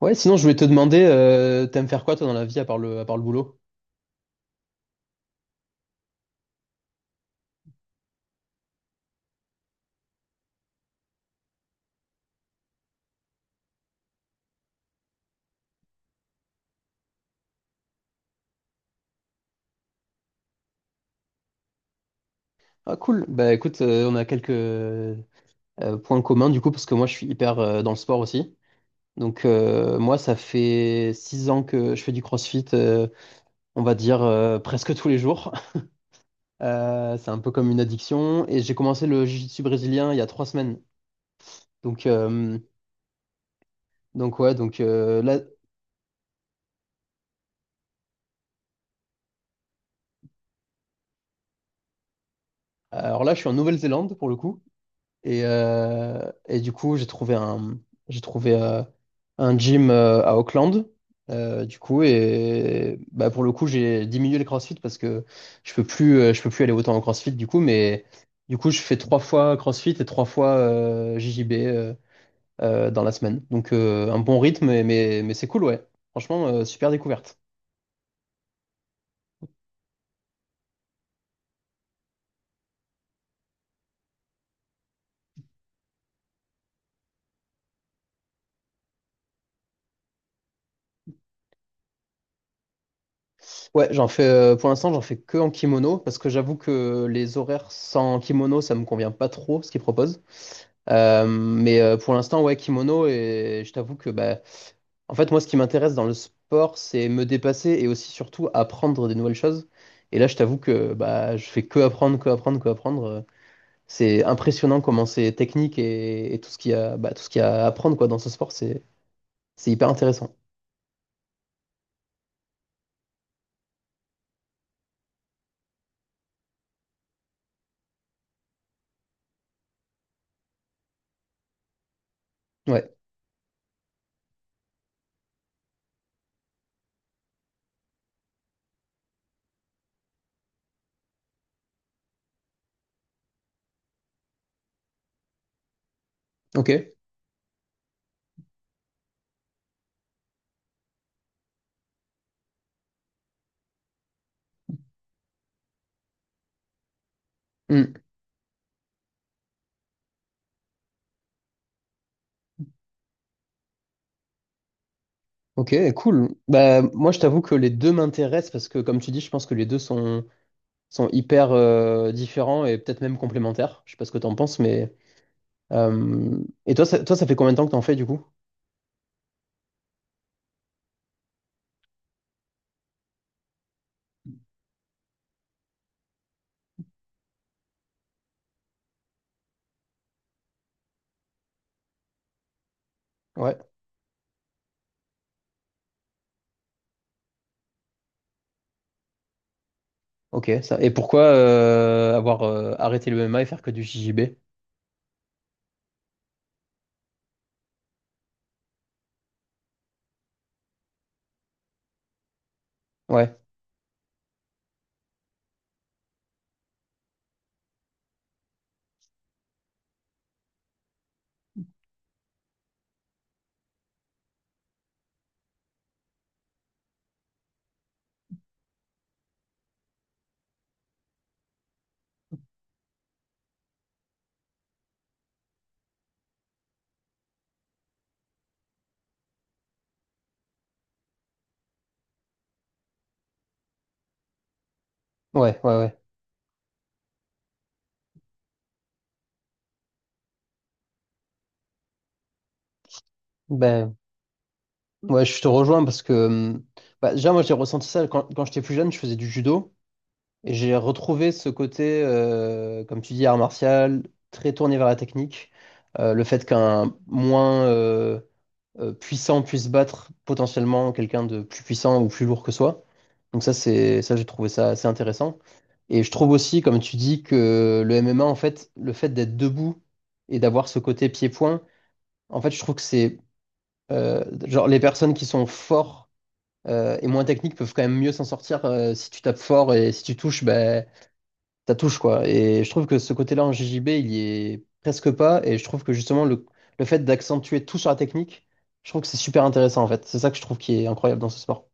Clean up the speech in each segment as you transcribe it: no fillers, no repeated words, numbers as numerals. Ouais, sinon je voulais te demander, t'aimes faire quoi toi dans la vie à part le boulot? Ah cool. Bah écoute, on a quelques points communs du coup parce que moi je suis hyper dans le sport aussi. Donc moi ça fait 6 ans que je fais du CrossFit, on va dire presque tous les jours. C'est un peu comme une addiction et j'ai commencé le jiu-jitsu brésilien il y a 3 semaines. Donc euh, Donc ouais, là, alors là, je suis en Nouvelle-Zélande pour le coup, et du coup, j'ai trouvé un gym à Auckland, du coup, et bah pour le coup, j'ai diminué le CrossFit parce que je peux plus aller autant en CrossFit du coup, mais du coup, je fais trois fois CrossFit et trois fois JJB dans la semaine, donc un bon rythme, mais c'est cool, ouais. Franchement, super découverte. Ouais, j'en fais pour l'instant, j'en fais que en kimono parce que j'avoue que les horaires sans kimono, ça me convient pas trop ce qu'ils proposent. Mais pour l'instant, ouais, kimono et je t'avoue que bah, en fait, moi, ce qui m'intéresse dans le sport, c'est me dépasser et aussi surtout apprendre des nouvelles choses. Et là, je t'avoue que bah, je fais que apprendre, que apprendre, que apprendre. C'est impressionnant comment c'est technique et tout ce qu'il y a, bah, tout ce qu'il y a à apprendre quoi dans ce sport, c'est hyper intéressant. Ouais. Ok. Hmm. Ok, cool. Bah, moi, je t'avoue que les deux m'intéressent parce que, comme tu dis, je pense que les deux sont hyper différents et peut-être même complémentaires. Je sais pas ce que t'en penses, mais. Euh, Et toi, ça fait combien de temps que t'en fais, du coup? Ouais. Ok, ça. Et pourquoi avoir arrêté le MMA et faire que du JJB? Ouais, ouais, ouais, ouais. Ben, ouais, je te rejoins parce que, bah, déjà, moi, j'ai ressenti ça quand j'étais plus jeune, je faisais du judo. Et j'ai retrouvé ce côté, comme tu dis, art martial, très tourné vers la technique. Le fait qu'un moins puissant puisse battre potentiellement quelqu'un de plus puissant ou plus lourd que soi. Donc ça, c'est ça, j'ai trouvé ça assez intéressant. Et je trouve aussi, comme tu dis, que le MMA, en fait, le fait d'être debout et d'avoir ce côté pied-point, en fait, je trouve que c'est genre les personnes qui sont forts et moins techniques peuvent quand même mieux s'en sortir si tu tapes fort et si tu touches, ben ta touche, quoi. Et je trouve que ce côté-là en JJB, il y est presque pas. Et je trouve que justement, le fait d'accentuer tout sur la technique, je trouve que c'est super intéressant, en fait. C'est ça que je trouve qui est incroyable dans ce sport.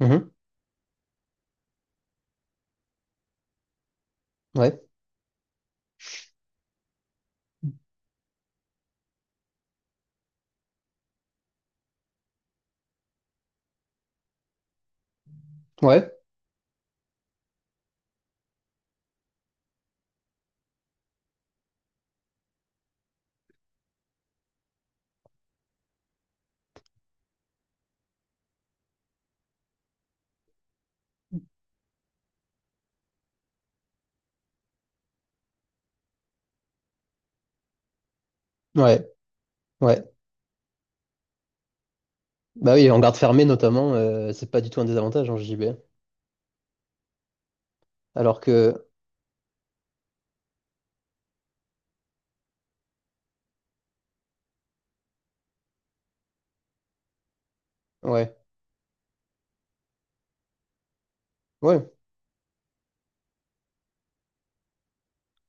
Mhm. Ouais, ouais, ouais, ouais. Bah oui, en garde fermée, notamment, c'est pas du tout un désavantage en JJB. Alors que, ouais, ouais,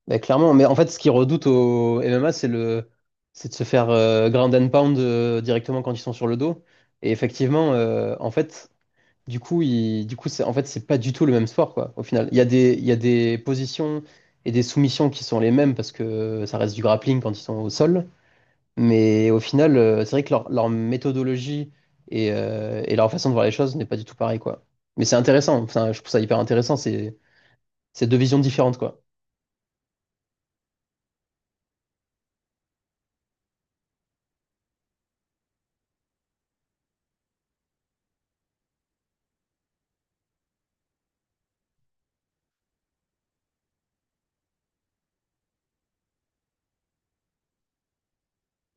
bah, clairement. Mais en fait, ce qu'ils redoutent au MMA, c'est c'est de se faire ground and pound directement quand ils sont sur le dos. Et effectivement, en fait, du coup, c'est, en fait, c'est pas du tout le même sport, quoi, au final. Il y a des positions et des soumissions qui sont les mêmes parce que ça reste du grappling quand ils sont au sol. Mais au final, c'est vrai que leur méthodologie et leur façon de voir les choses n'est pas du tout pareil, quoi. Mais c'est intéressant. Enfin, je trouve ça hyper intéressant. C'est deux visions différentes, quoi.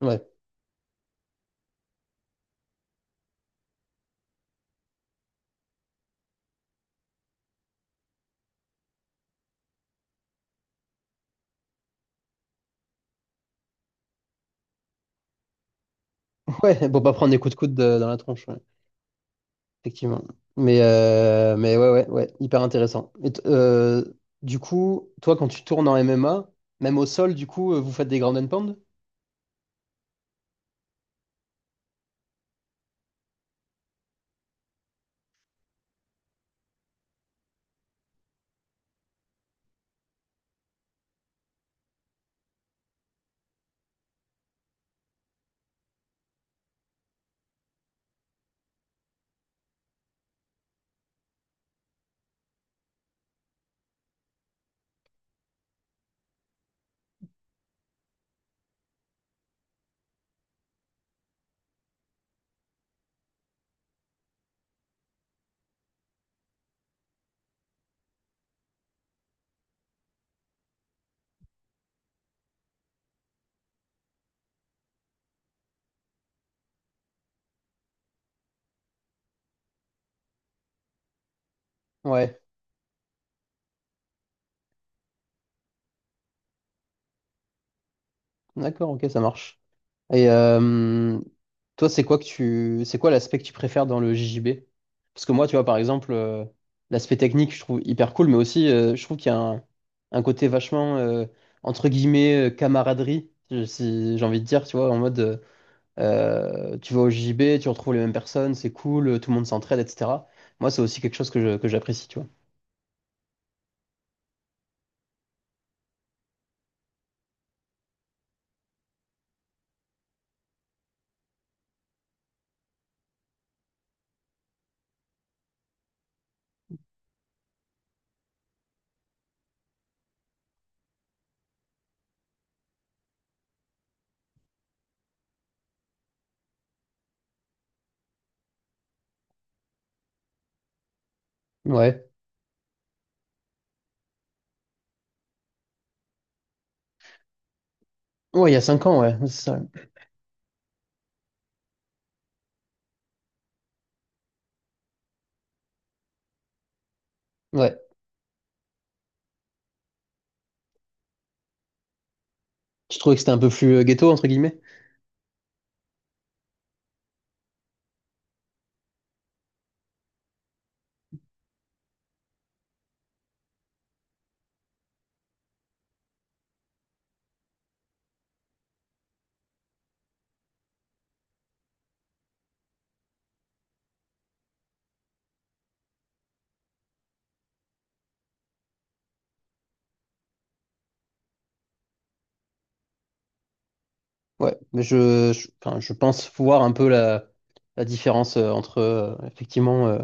Ouais. Ouais, pour pas prendre des coups de coude dans la tronche. Ouais. Effectivement. Mais, ouais, ouais, ouais, hyper intéressant. Du coup, toi, quand tu tournes en MMA, même au sol, du coup, vous faites des ground and pound? Ouais, d'accord, ok, ça marche. Et toi, c'est quoi l'aspect que tu préfères dans le JJB? Parce que moi, tu vois, par exemple, l'aspect technique, je trouve hyper cool, mais aussi, je trouve qu'il y a un côté vachement, entre guillemets, camaraderie, si j'ai envie de dire, tu vois, en mode. Tu vas au JB, tu retrouves les mêmes personnes, c'est cool, tout le monde s'entraide, etc. Moi, c'est aussi quelque chose que j'apprécie, tu vois. Ouais. Ouais, il y a 5 ans, ouais, c'est ça. Ouais. Tu trouvais que c'était un peu plus ghetto, entre guillemets? Ouais. Mais enfin, je pense voir un peu la différence entre, effectivement,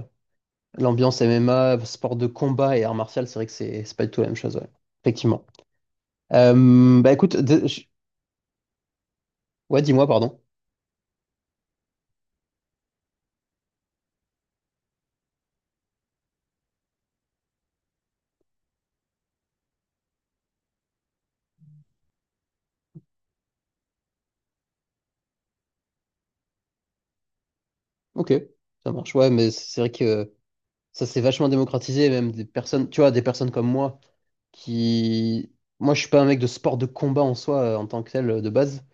l'ambiance MMA, sport de combat et art martial. C'est vrai que c'est pas du tout la même chose, ouais. Effectivement. Bah écoute, ouais, dis-moi, pardon. Ok, ça marche. Ouais, mais c'est vrai que. Ça s'est vachement démocratisé, même des personnes, tu vois, des personnes comme moi qui. Moi, je suis pas un mec de sport de combat en soi, en tant que tel, de base.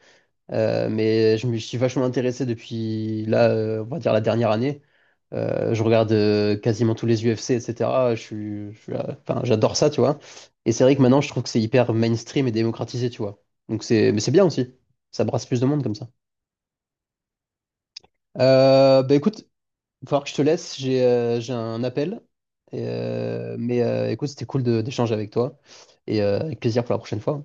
Mais je me suis vachement intéressé depuis là, on va dire la dernière année. Je regarde quasiment tous les UFC, etc. Enfin, j'adore ça, tu vois. Et c'est vrai que maintenant, je trouve que c'est hyper mainstream et démocratisé, tu vois. Mais c'est bien aussi. Ça brasse plus de monde comme ça. Bah écoute, il va falloir que je te laisse, j'ai un appel. Et, mais écoute, c'était cool d'échanger avec toi. Et avec plaisir pour la prochaine fois.